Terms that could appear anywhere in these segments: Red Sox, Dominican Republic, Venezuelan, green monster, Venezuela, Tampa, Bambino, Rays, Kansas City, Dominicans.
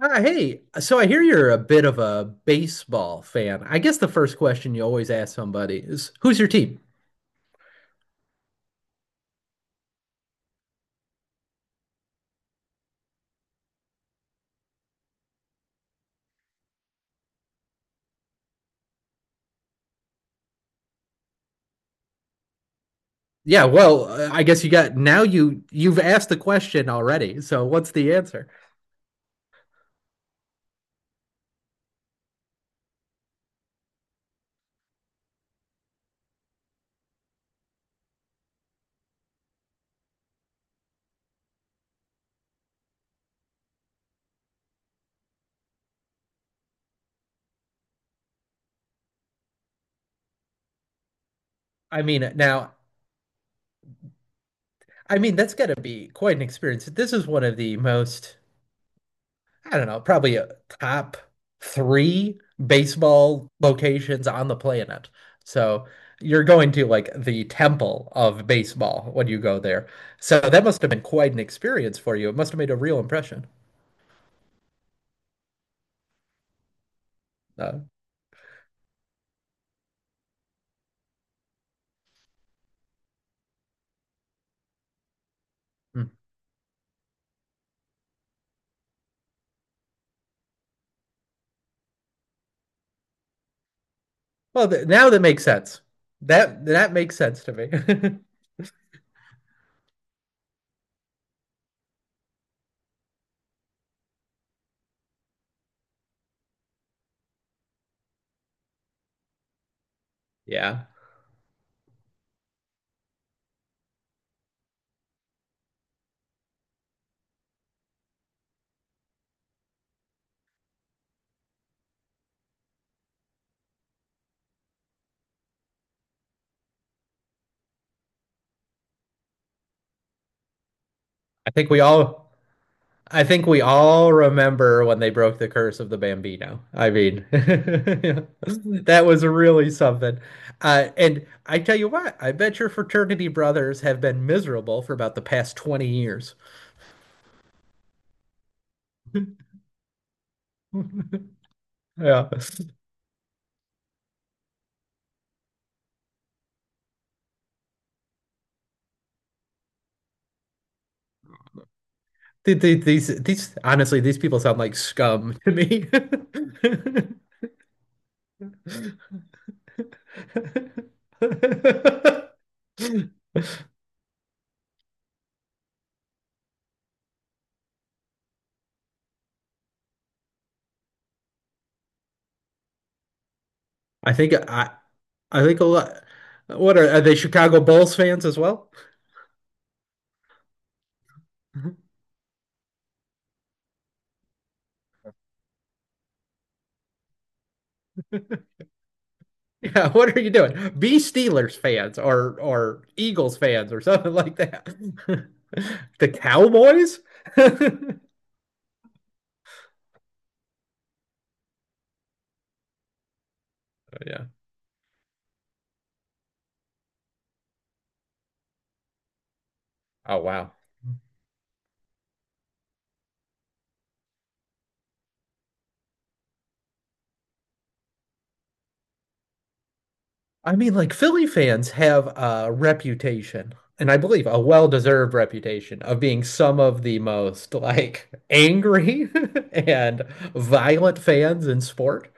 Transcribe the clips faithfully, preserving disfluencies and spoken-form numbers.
Ah, hey, so I hear you're a bit of a baseball fan. I guess the first question you always ask somebody is, "Who's your team?" Yeah, well, uh, I guess you got now you you've asked the question already. So what's the answer? I mean, now, I mean that's got to be quite an experience. This is one of the most, I don't know, probably a top three baseball locations on the planet. So you're going to like the temple of baseball when you go there. So that must have been quite an experience for you. It must have made a real impression. Uh, mm. well, th now that makes sense. That that makes sense to me. Yeah. I think we all I think we all remember when they broke the curse of the Bambino. I mean, that was really something. Uh, and I tell you what, I bet your fraternity brothers have been miserable for about the past twenty years. Yeah. Th- These, these, honestly, these people sound like scum to me. I think I, I think a lot. What are, are they Chicago Bulls fans as well? Yeah, what are you doing? Be Steelers fans or or Eagles fans or something like that. The Cowboys? Oh, yeah. Oh wow. I mean, like Philly fans have a reputation, and I believe a well-deserved reputation of being some of the most like angry and violent fans in sport.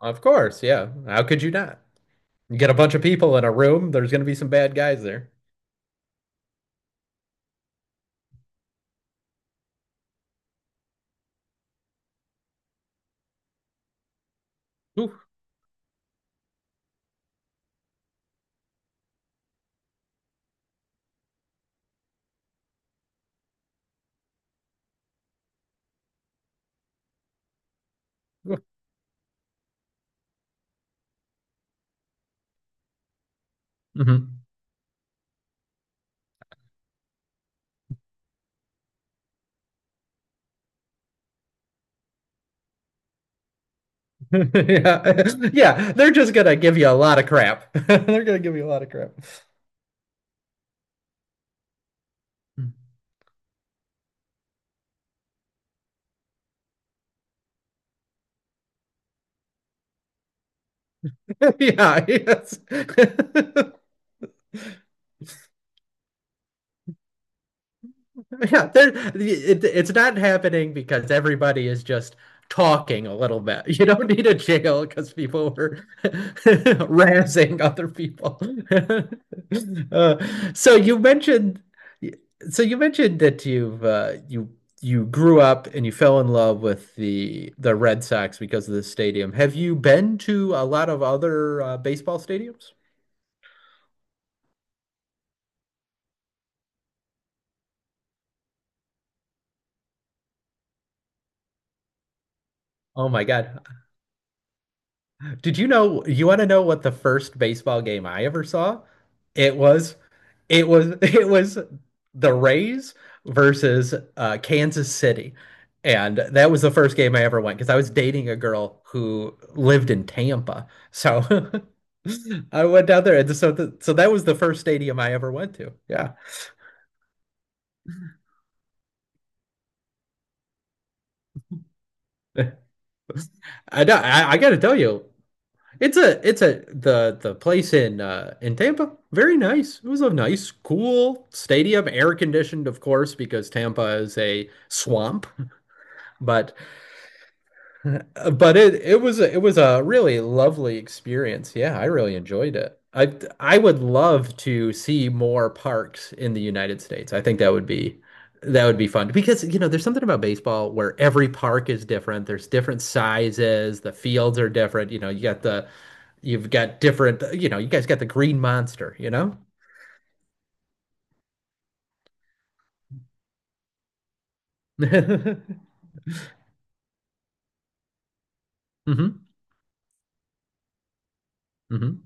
Of course, yeah. How could you not? You get a bunch of people in a room, there's going to be some bad guys there. Ooh. Mhm. Yeah. Yeah, they're just gonna give you a lot of crap. They're gonna give you a lot of crap. Yeah, yes. Yeah, there, it, it's not happening because everybody is just talking a little bit. You don't need a jail because people were razzing other people. uh, so you mentioned, so you mentioned that you've uh, you you grew up and you fell in love with the the Red Sox because of the stadium. Have you been to a lot of other uh, baseball stadiums? Oh my God, did you know you want to know what the first baseball game I ever saw? It was it was it was the Rays versus uh Kansas City. And that was the first game I ever went because I was dating a girl who lived in Tampa. So I went down there and so the, so that was the first stadium I ever went to. Yeah. I know, I, I gotta tell you, It's a it's a the the place in uh in Tampa. Very nice. It was a nice, cool stadium, air conditioned, of course, because Tampa is a swamp. But but it it was a, it was a really lovely experience. Yeah, I really enjoyed it. I I would love to see more parks in the United States. I think that would be that would be fun because you know there's something about baseball where every park is different. There's different sizes. The fields are different. You know, you got the you've got different, you know, you guys got the green monster, you know? hmm hmm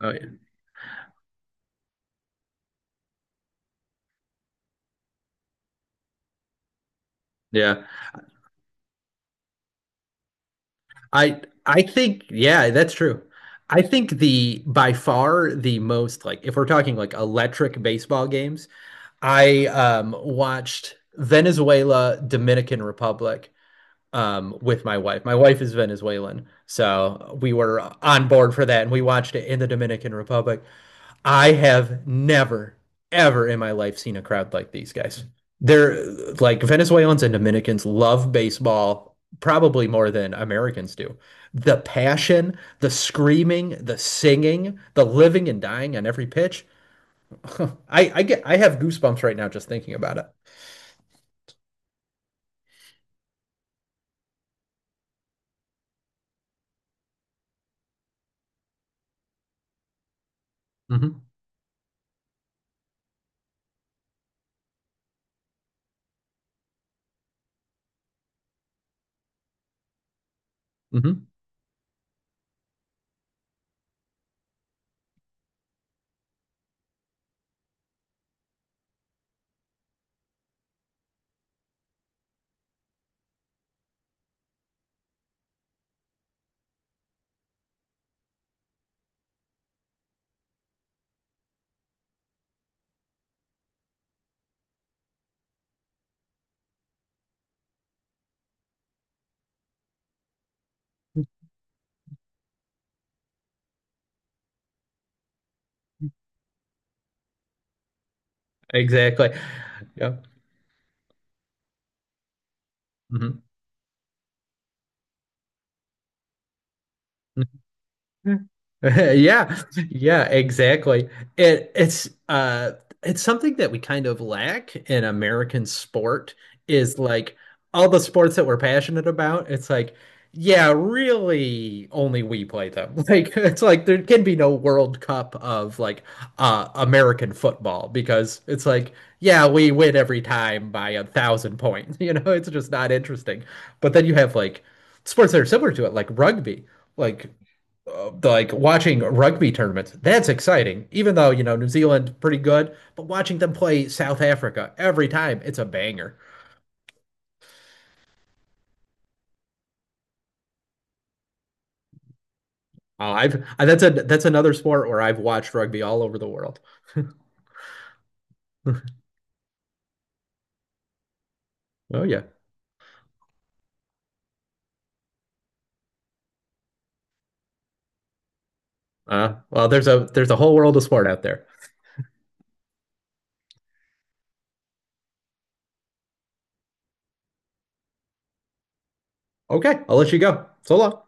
Oh yeah. Yeah. I I think yeah, that's true. I think the by far the most, like if we're talking like electric baseball games, I um watched Venezuela, Dominican Republic, um with my wife. My wife is Venezuelan, so we were on board for that and we watched it in the Dominican Republic. I have never, ever in my life seen a crowd like these guys. They're like, Venezuelans and Dominicans love baseball probably more than Americans do. The passion, the screaming, the singing, the living and dying on every pitch. I, I get I have goosebumps right now just thinking about it. Mm-hmm. Mm-hmm. Exactly. Yeah. Mm-hmm. Yeah, yeah, exactly. It it's uh it's something that we kind of lack in American sport is like all the sports that we're passionate about, it's like, yeah, really only we play them. Like it's like there can be no World Cup of like uh American football because it's like, yeah, we win every time by a thousand points. You know, it's just not interesting. But then you have like sports that are similar to it, like rugby. Like uh, like watching rugby tournaments, that's exciting. Even though, you know, New Zealand pretty good, but watching them play South Africa every time, it's a banger. Uh, I've I, that's a that's another sport where I've watched rugby all over the world. Oh yeah. Uh, well, there's a there's a whole world of sport out there. Okay, I'll let you go. So long.